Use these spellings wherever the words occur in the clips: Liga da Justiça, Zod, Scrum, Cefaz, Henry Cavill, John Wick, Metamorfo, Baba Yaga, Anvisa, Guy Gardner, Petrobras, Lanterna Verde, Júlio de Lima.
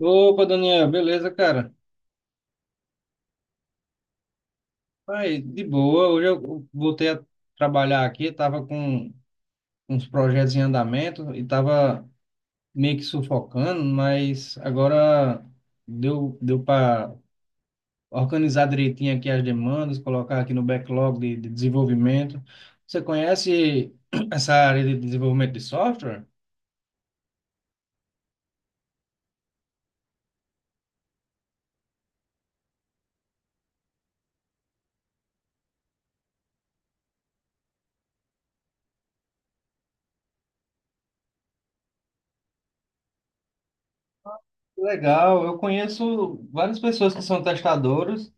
Opa, Daniel, beleza, cara? Aí, de boa. Hoje eu voltei a trabalhar aqui, tava com uns projetos em andamento e tava meio que sufocando, mas agora deu para organizar direitinho aqui as demandas, colocar aqui no backlog de desenvolvimento. Você conhece essa área de desenvolvimento de software? Legal, eu conheço várias pessoas que são testadoras.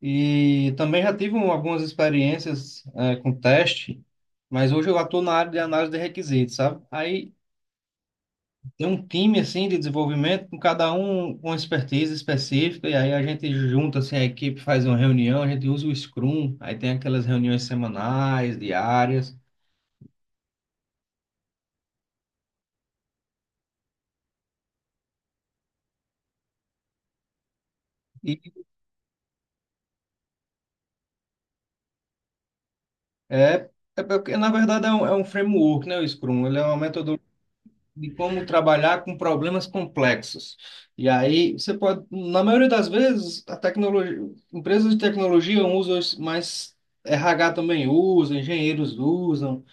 E também já tive algumas experiências com teste, mas hoje eu atuo na área de análise de requisitos, sabe? Aí tem um time assim de desenvolvimento com cada um com expertise específica e aí a gente junta assim a equipe, faz uma reunião, a gente usa o Scrum, aí tem aquelas reuniões semanais, diárias e é, é porque na verdade é um framework, né, o Scrum, ele é uma de como trabalhar com problemas complexos. E aí você pode, na maioria das vezes, a tecnologia, empresas de tecnologia usam isso, mas RH também usa, engenheiros usam.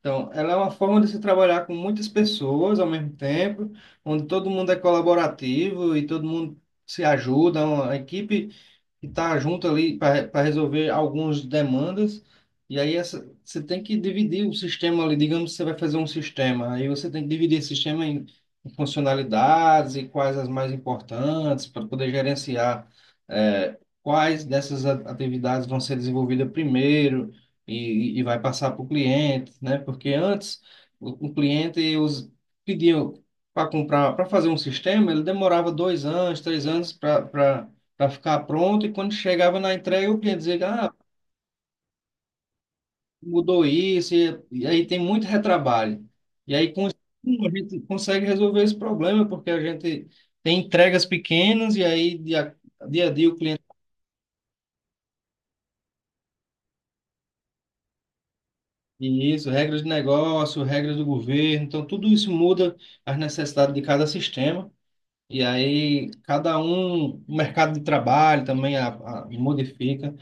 Então, ela é uma forma de se trabalhar com muitas pessoas ao mesmo tempo, onde todo mundo é colaborativo e todo mundo se ajuda, é uma equipe que tá junto ali para resolver algumas demandas. E aí essa, você tem que dividir o sistema ali, digamos que você vai fazer um sistema, aí você tem que dividir esse sistema em funcionalidades e quais as mais importantes para poder gerenciar quais dessas atividades vão ser desenvolvidas primeiro e vai passar para o cliente, né? Porque antes o cliente os pediam para comprar, para fazer um sistema, ele demorava dois anos, três anos para para ficar pronto. E quando chegava na entrega, o cliente dizia, ah, mudou isso, e aí tem muito retrabalho. E aí com isso, a gente consegue resolver esse problema, porque a gente tem entregas pequenas, e aí dia a dia o cliente. E isso, regras de negócio, regras do governo, então tudo isso muda as necessidades de cada sistema. E aí, cada um, o mercado de trabalho também modifica.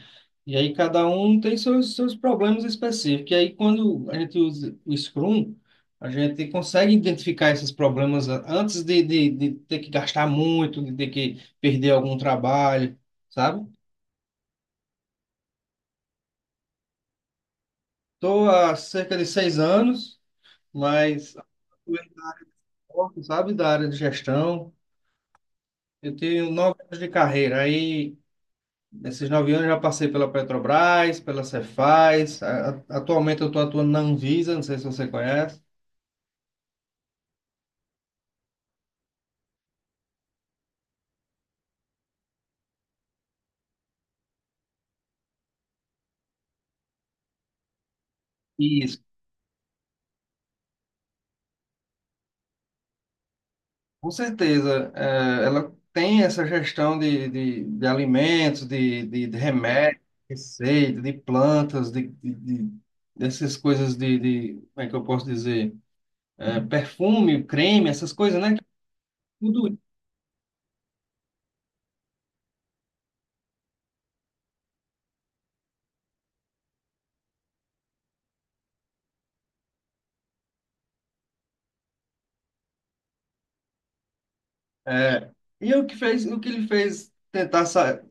E aí cada um tem seus problemas específicos. E aí quando a gente usa o Scrum, a gente consegue identificar esses problemas antes de ter que gastar muito, de ter que perder algum trabalho, sabe? Estou há cerca de 6 anos, mas eu gosto, sabe, da área de gestão. Eu tenho 9 anos de carreira. Aí, nesses 9 anos, eu já passei pela Petrobras, pela Cefaz. Atualmente, eu estou atuando na Anvisa, não sei se você conhece. Isso. Com certeza, ela tem essa gestão de alimentos, de remédios, receita, de plantas, dessas coisas como é que eu posso dizer? Perfume, creme, essas coisas, né? É, e é o que fez, o que ele fez tentar sa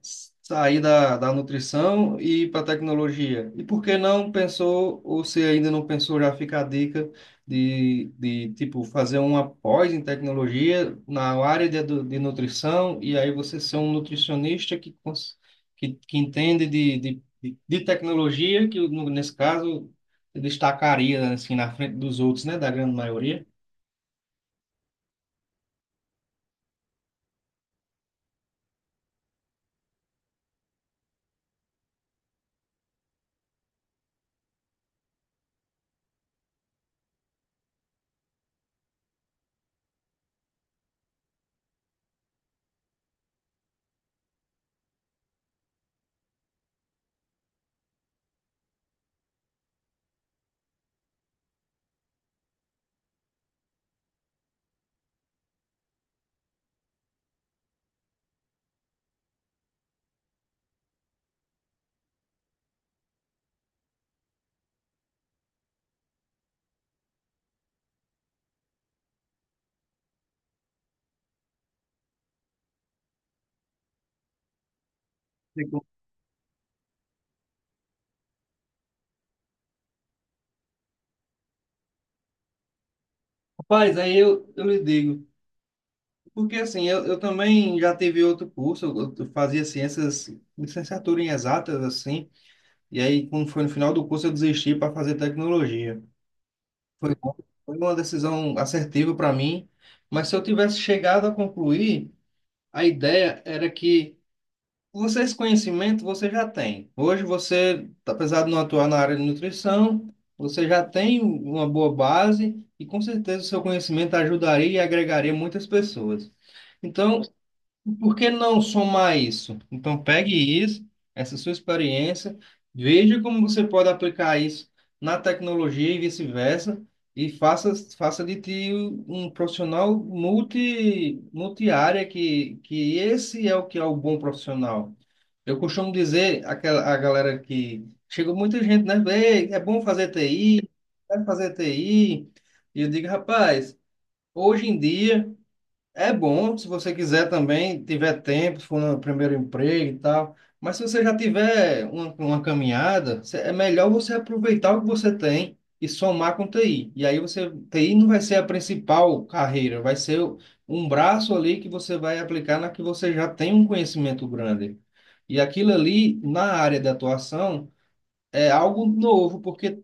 sair da nutrição e ir para tecnologia? E por que não pensou, ou se ainda não pensou, já fica a dica de tipo, fazer uma pós em tecnologia na área de nutrição, e aí você ser um nutricionista que entende de tecnologia, que nesse caso se destacaria assim, na frente dos outros, né, da grande maioria. Digo, rapaz, eu lhe digo. Porque assim, eu também já tive outro curso, eu fazia ciências, licenciatura em exatas, assim, e aí quando foi no final do curso eu desisti para fazer tecnologia. Foi, bom, foi uma decisão assertiva para mim, mas se eu tivesse chegado a concluir, a ideia era que você, esse conhecimento você já tem. Hoje você, apesar de não atuar na área de nutrição, você já tem uma boa base e com certeza o seu conhecimento ajudaria e agregaria muitas pessoas. Então, por que não somar isso? Então, pegue isso, essa sua experiência, veja como você pode aplicar isso na tecnologia e vice-versa, e faça de ti um profissional multi-área, que esse é o que é o bom profissional. Eu costumo dizer àquela, à galera que chega muita gente, né? "Ei, é bom fazer TI, vai fazer TI." E eu digo, rapaz, hoje em dia. É bom se você quiser também, tiver tempo, se for no primeiro emprego e tal. Mas se você já tiver uma caminhada, é melhor você aproveitar o que você tem e somar com TI. E aí você, TI não vai ser a principal carreira, vai ser um braço ali que você vai aplicar na que você já tem um conhecimento grande. E aquilo ali, na área de atuação, é algo novo, porque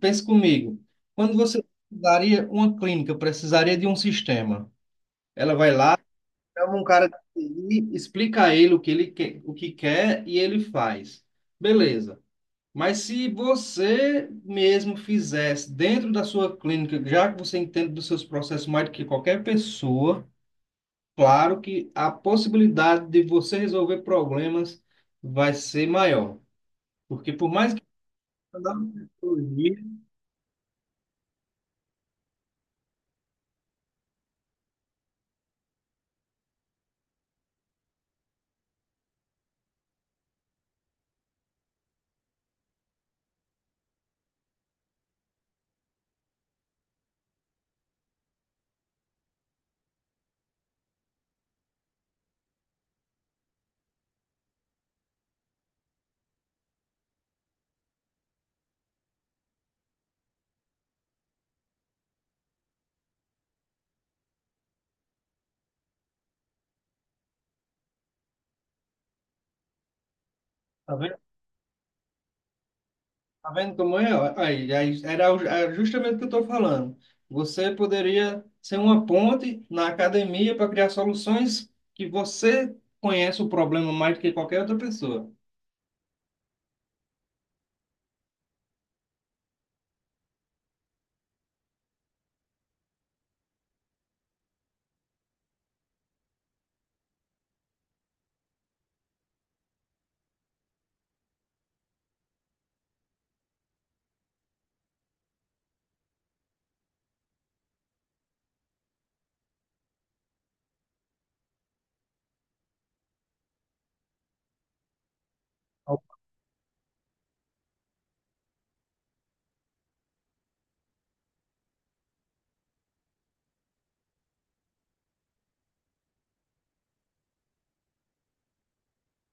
pense comigo, quando você precisaria, uma clínica precisaria de um sistema. Ela vai lá, chama um cara de explica a ele o que ele quer, o que quer e ele faz. Beleza. Mas se você mesmo fizesse dentro da sua clínica, já que você entende dos seus processos mais do que qualquer pessoa, claro que a possibilidade de você resolver problemas vai ser maior. Porque por mais que você ande na psicologia, tá. Tá vendo como é? Aí, era justamente o que eu estou falando. Você poderia ser uma ponte na academia para criar soluções que você conhece o problema mais do que qualquer outra pessoa.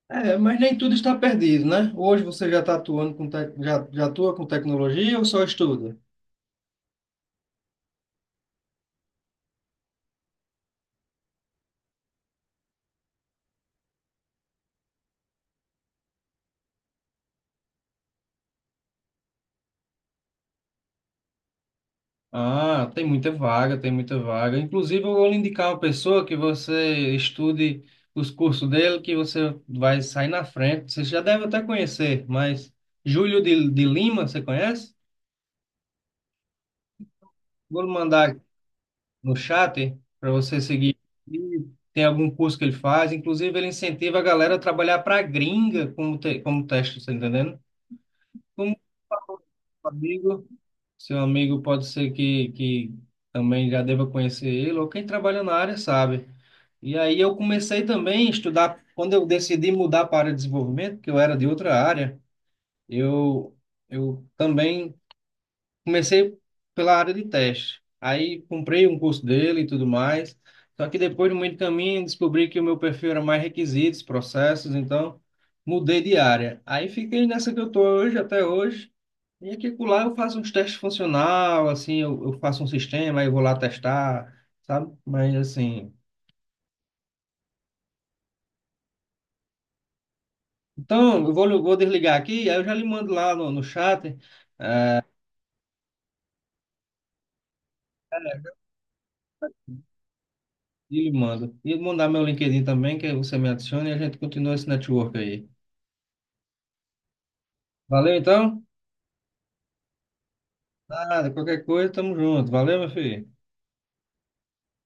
É, mas nem tudo está perdido, né? Hoje você já está atuando com já, já atua com tecnologia ou só estuda? Ah, tem muita vaga, tem muita vaga. Inclusive, eu vou lhe indicar uma pessoa que você estude os cursos dele, que você vai sair na frente. Você já deve até conhecer, mas Júlio de Lima, você conhece? Vou lhe mandar no chat para você seguir. E tem algum curso que ele faz. Inclusive, ele incentiva a galera a trabalhar para a gringa como teste, você tá entendendo? Como amigo, seu amigo pode ser que também já deva conhecer ele, ou quem trabalha na área sabe. E aí eu comecei também a estudar, quando eu decidi mudar para a área de desenvolvimento, que eu era de outra área, eu, eu também comecei pela área de teste. Aí comprei um curso dele e tudo mais, só que depois, no meio do caminho, descobri que o meu perfil era mais requisitos, processos, então mudei de área. Aí fiquei nessa que eu tô hoje, até hoje, e aqui por lá eu faço uns testes funcional, assim, eu faço um sistema, aí eu vou lá testar, sabe? Mas assim... Então, eu vou desligar aqui, aí eu já lhe mando lá no chat e lhe mando. E mandar meu LinkedIn também, que aí você me adicione e a gente continua esse network aí. Valeu, então? Nada, qualquer coisa, tamo junto. Valeu, meu filho.